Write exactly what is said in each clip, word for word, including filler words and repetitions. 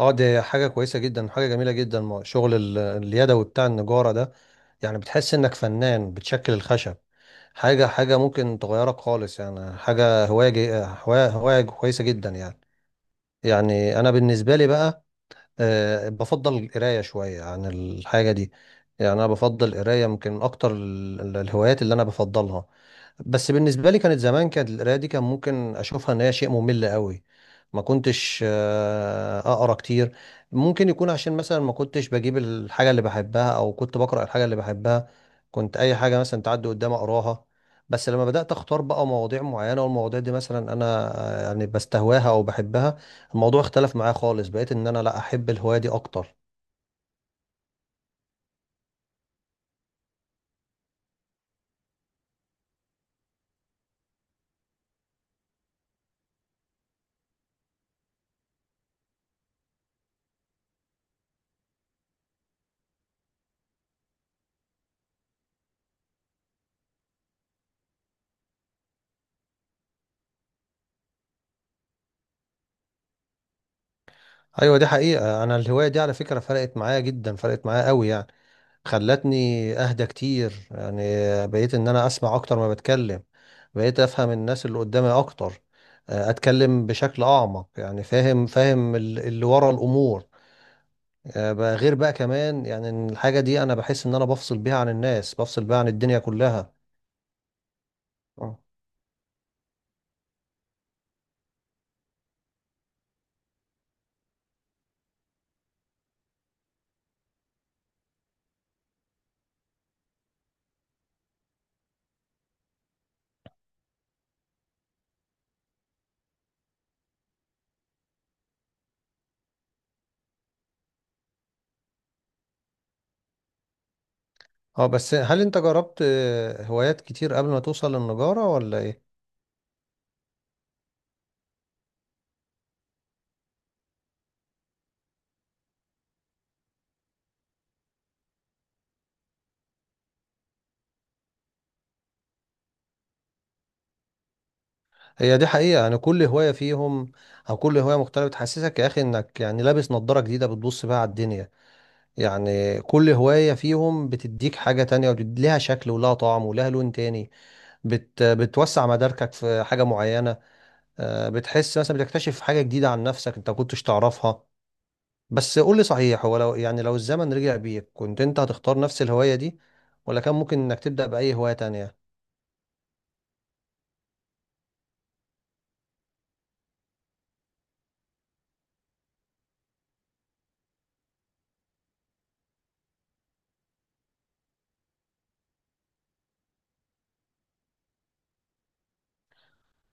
اه دي حاجة كويسة جدا، حاجة جميلة جدا، ما- شغل ال- اليدوي بتاع النجارة ده. يعني بتحس انك فنان بتشكل الخشب. حاجة حاجة ممكن تغيرك خالص، يعني حاجة هواية جي- هواية هواية كويسة جدا يعني. يعني انا بالنسبة لي بقى، آه، بفضل القراية شوية عن الحاجة دي. يعني انا بفضل القراية، يمكن من اكتر ال- ال- الهوايات اللي انا بفضلها. بس بالنسبة لي كانت زمان، كانت القراية دي كان ممكن أشوفها إن هي شيء ممل قوي. ما كنتش آه، أقرأ كتير. ممكن يكون عشان مثلا ما كنتش بجيب الحاجة اللي بحبها، أو كنت بقرأ الحاجة اللي بحبها. كنت أي حاجة مثلا تعدي قدامي أقراها. بس لما بدأت أختار بقى مواضيع معينة، والمواضيع دي مثلا أنا آه، يعني بستهواها أو بحبها. الموضوع اختلف معايا خالص، بقيت إن أنا لا أحب الهواية دي أكتر. أيوة، دي حقيقة، أنا الهواية دي على فكرة فرقت معايا جدا، فرقت معايا قوي يعني. خلتني اهدى كتير يعني، بقيت ان انا اسمع اكتر ما بتكلم. بقيت افهم الناس اللي قدامي اكتر. آه، اتكلم بشكل اعمق، يعني فاهم فاهم ال- اللي ورا الامور. آه، بقى غير بقى كمان، يعني إن الحاجة دي انا بحس ان انا بفصل بيها عن الناس، بفصل بيها عن الدنيا كلها. اه، اه، بس هل انت جربت آه، هوايات كتير قبل ما توصل للنجارة ولا ايه؟ هي دي حقيقة، يعني كل هواية فيهم، او كل هواية مختلفة تحسسك يا اخي انك يعني لابس نظارة جديدة بتبص بيها على الدنيا. يعني كل هواية فيهم بتديك حاجة تانية، ولها شكل ولها طعم ولها لون تاني. بت بتوسع مداركك في حاجة معينة. آه، بتحس مثلا بتكتشف حاجة جديدة عن نفسك انت ما كنتش تعرفها. بس قول لي صحيح، هو لو يعني لو الزمن رجع بيك كنت انت هتختار نفس الهواية دي، ولا كان ممكن انك تبدأ بأي هواية تانية؟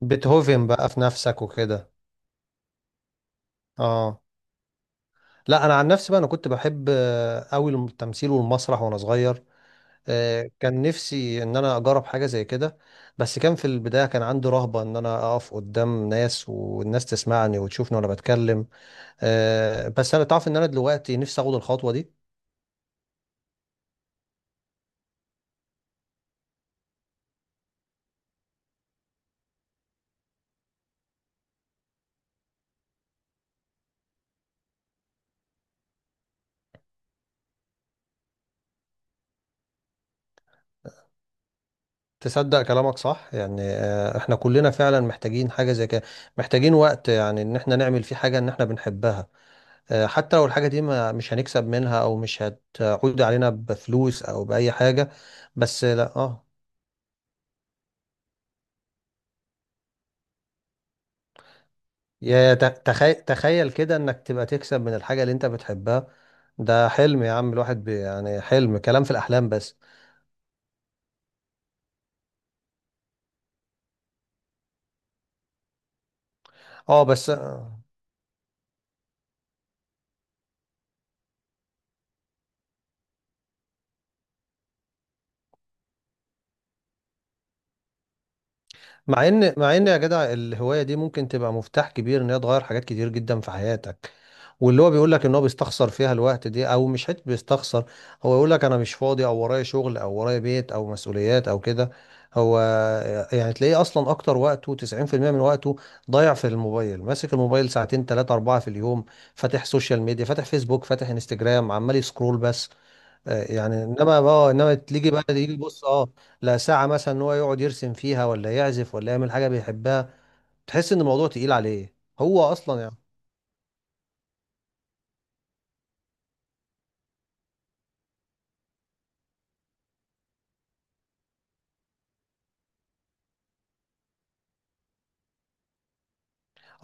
بتهوفن بقى في نفسك وكده. اه. لا انا عن نفسي بقى، انا كنت بحب آه، قوي التمثيل والمسرح وانا صغير. آه، كان نفسي ان انا اجرب حاجه زي كده. بس كان في البدايه كان عندي رهبه ان انا اقف قدام ناس والناس تسمعني وتشوفني وانا بتكلم. آه، بس انا تعرف ان انا دلوقتي نفسي اخد الخطوه دي. تصدق كلامك صح، يعني آه، احنا كلنا فعلا محتاجين حاجه زي كده. محتاجين وقت يعني ان احنا نعمل فيه حاجه ان احنا بنحبها. آه، حتى لو الحاجه دي ما مش هنكسب منها، او مش هتعود علينا بفلوس او باي حاجه. بس لا، اه. يا تخيل، تخيل كده انك تبقى تكسب من الحاجة اللي انت بتحبها. ده حلم يا عم الواحد، بي يعني حلم، كلام في الاحلام بس. اه، بس مع ان مع ان يا جدع الهوايه دي ممكن تبقى مفتاح كبير ان هي تغير حاجات كتير جدا في حياتك. واللي هو بيقول لك ان هو بيستخسر فيها الوقت دي، او مش حته بيستخسر، هو يقول لك انا مش فاضي، او ورايا شغل او ورايا بيت او مسؤوليات او كده. هو يعني تلاقيه اصلا اكتر وقته تسعين في المية من وقته ضايع في الموبايل، ماسك الموبايل ساعتين ثلاثة أربعة في اليوم. فاتح سوشيال ميديا، فاتح فيسبوك، فاتح انستجرام، عمال يسكرول بس. آه، يعني انما اه انما تيجي بقى يجي يبص، اه لا ساعة مثلا ان هو يقعد يرسم فيها ولا يعزف ولا يعمل حاجة بيحبها، تحس ان الموضوع تقيل عليه هو اصلا يعني.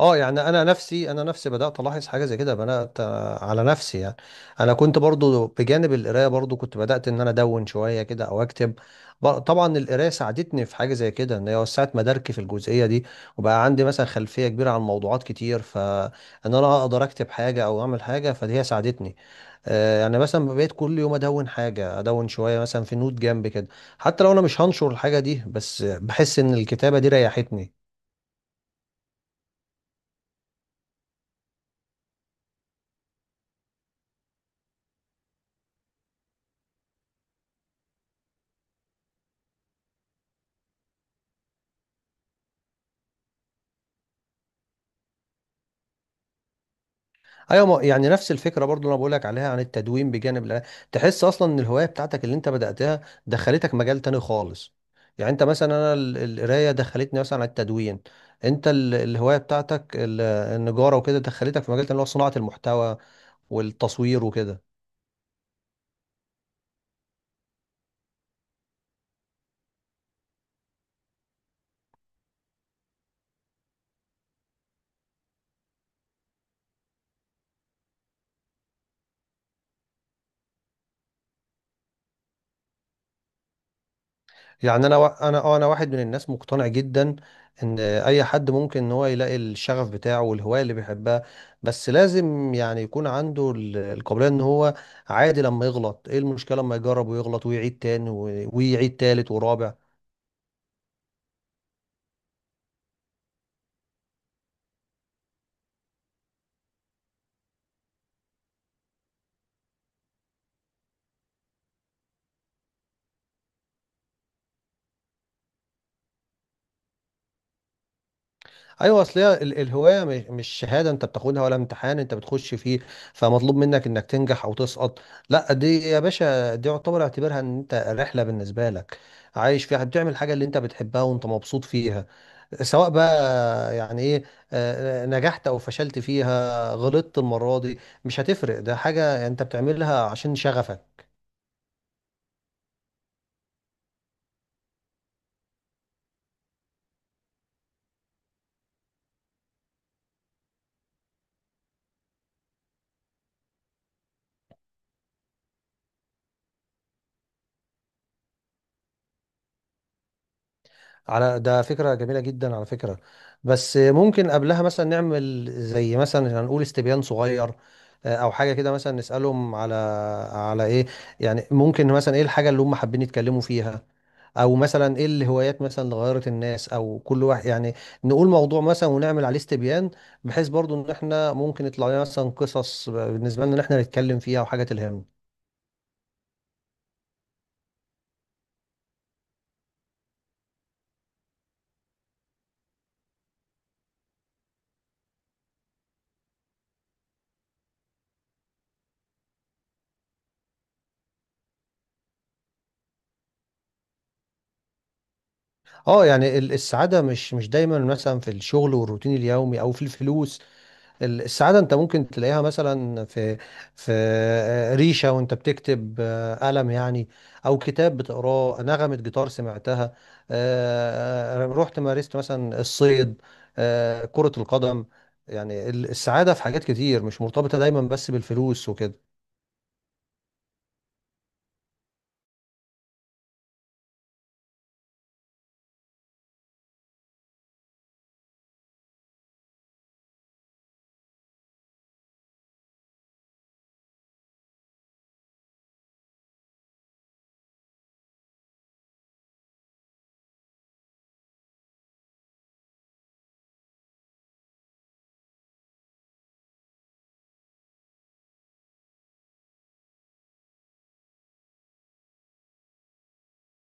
اه، يعني انا نفسي انا نفسي بدات الاحظ حاجه زي كده، بدات آه، على نفسي يعني. انا كنت برضو بجانب القرايه، برضو كنت بدات ان انا ادون شويه كده او اكتب. ب- طبعا القرايه ساعدتني في حاجه زي كده، ان هي وسعت مداركي في الجزئيه دي، وبقى عندي مثلا خلفيه كبيره عن موضوعات كتير، فان انا اقدر اكتب حاجه او اعمل حاجه، فدي هي ساعدتني. آه، يعني مثلا بقيت كل يوم ادون حاجه، ادون شويه مثلا في نوت جنب كده، حتى لو انا مش هنشر الحاجه دي، بس بحس ان الكتابه دي ريحتني. ايوه، ما- يعني نفس الفكره برضو اللي انا بقول لك عليها عن التدوين بجانب الع- تحس اصلا ان الهوايه بتاعتك اللي انت بداتها دخلتك مجال تاني خالص. يعني انت مثلا، انا ال- القرايه دخلتني مثلا على التدوين، انت ال- الهوايه بتاعتك ال- النجاره وكده دخلتك في مجال تاني اللي هو صناعه المحتوى والتصوير وكده. يعني انا وا- انا آه، انا واحد من الناس مقتنع جدا ان اي حد ممكن ان هو يلاقي الشغف بتاعه والهوايه اللي بيحبها. بس لازم يعني يكون عنده ال- القابليه ان هو عادي لما يغلط. ايه المشكله لما يجرب ويغلط ويعيد تاني، و- ويعيد تالت ورابع. ايوه، اصل هي ال- الهوايه م- مش شهاده انت بتاخدها، ولا امتحان انت بتخش فيه فمطلوب منك انك تنجح او تسقط. لا، دي يا باشا دي يعتبر اعتبرها ان انت رحله بالنسبه لك، عايش فيها بتعمل حاجه اللي انت بتحبها وانت مبسوط فيها. سواء بقى يعني ايه، آه، نجحت او فشلت فيها، غلطت المرة دي مش هتفرق، ده حاجة انت بتعملها عشان شغفك. على ده فكرة جميلة جدا على فكرة. بس ممكن قبلها مثلا نعمل زي مثلا هنقول استبيان صغير، آه، او حاجة كده، مثلا نسألهم على، على ايه؟ يعني ممكن مثلا ايه الحاجة اللي هم حابين يتكلموا فيها، او مثلا ايه الهوايات مثلا اللي غيرت الناس او كل واحد يعني. نقول موضوع مثلا ونعمل عليه استبيان، بحيث برضو ان احنا ممكن يطلع لنا مثلا قصص بالنسبة لنا ان احنا نتكلم فيها وحاجة تلهمنا. اه، يعني ال- السعادة مش مش دايما مثلا في الشغل والروتين اليومي او في الفلوس. ال- السعادة انت ممكن تلاقيها مثلا في في آه، ريشة وانت بتكتب، آه، قلم يعني، او كتاب بتقراه، نغمة جيتار سمعتها. آه، آه، رحت مارست مثلا الصيد، آه، كرة القدم. يعني ال- السعادة في حاجات كتير، مش مرتبطة دايما بس بالفلوس وكده.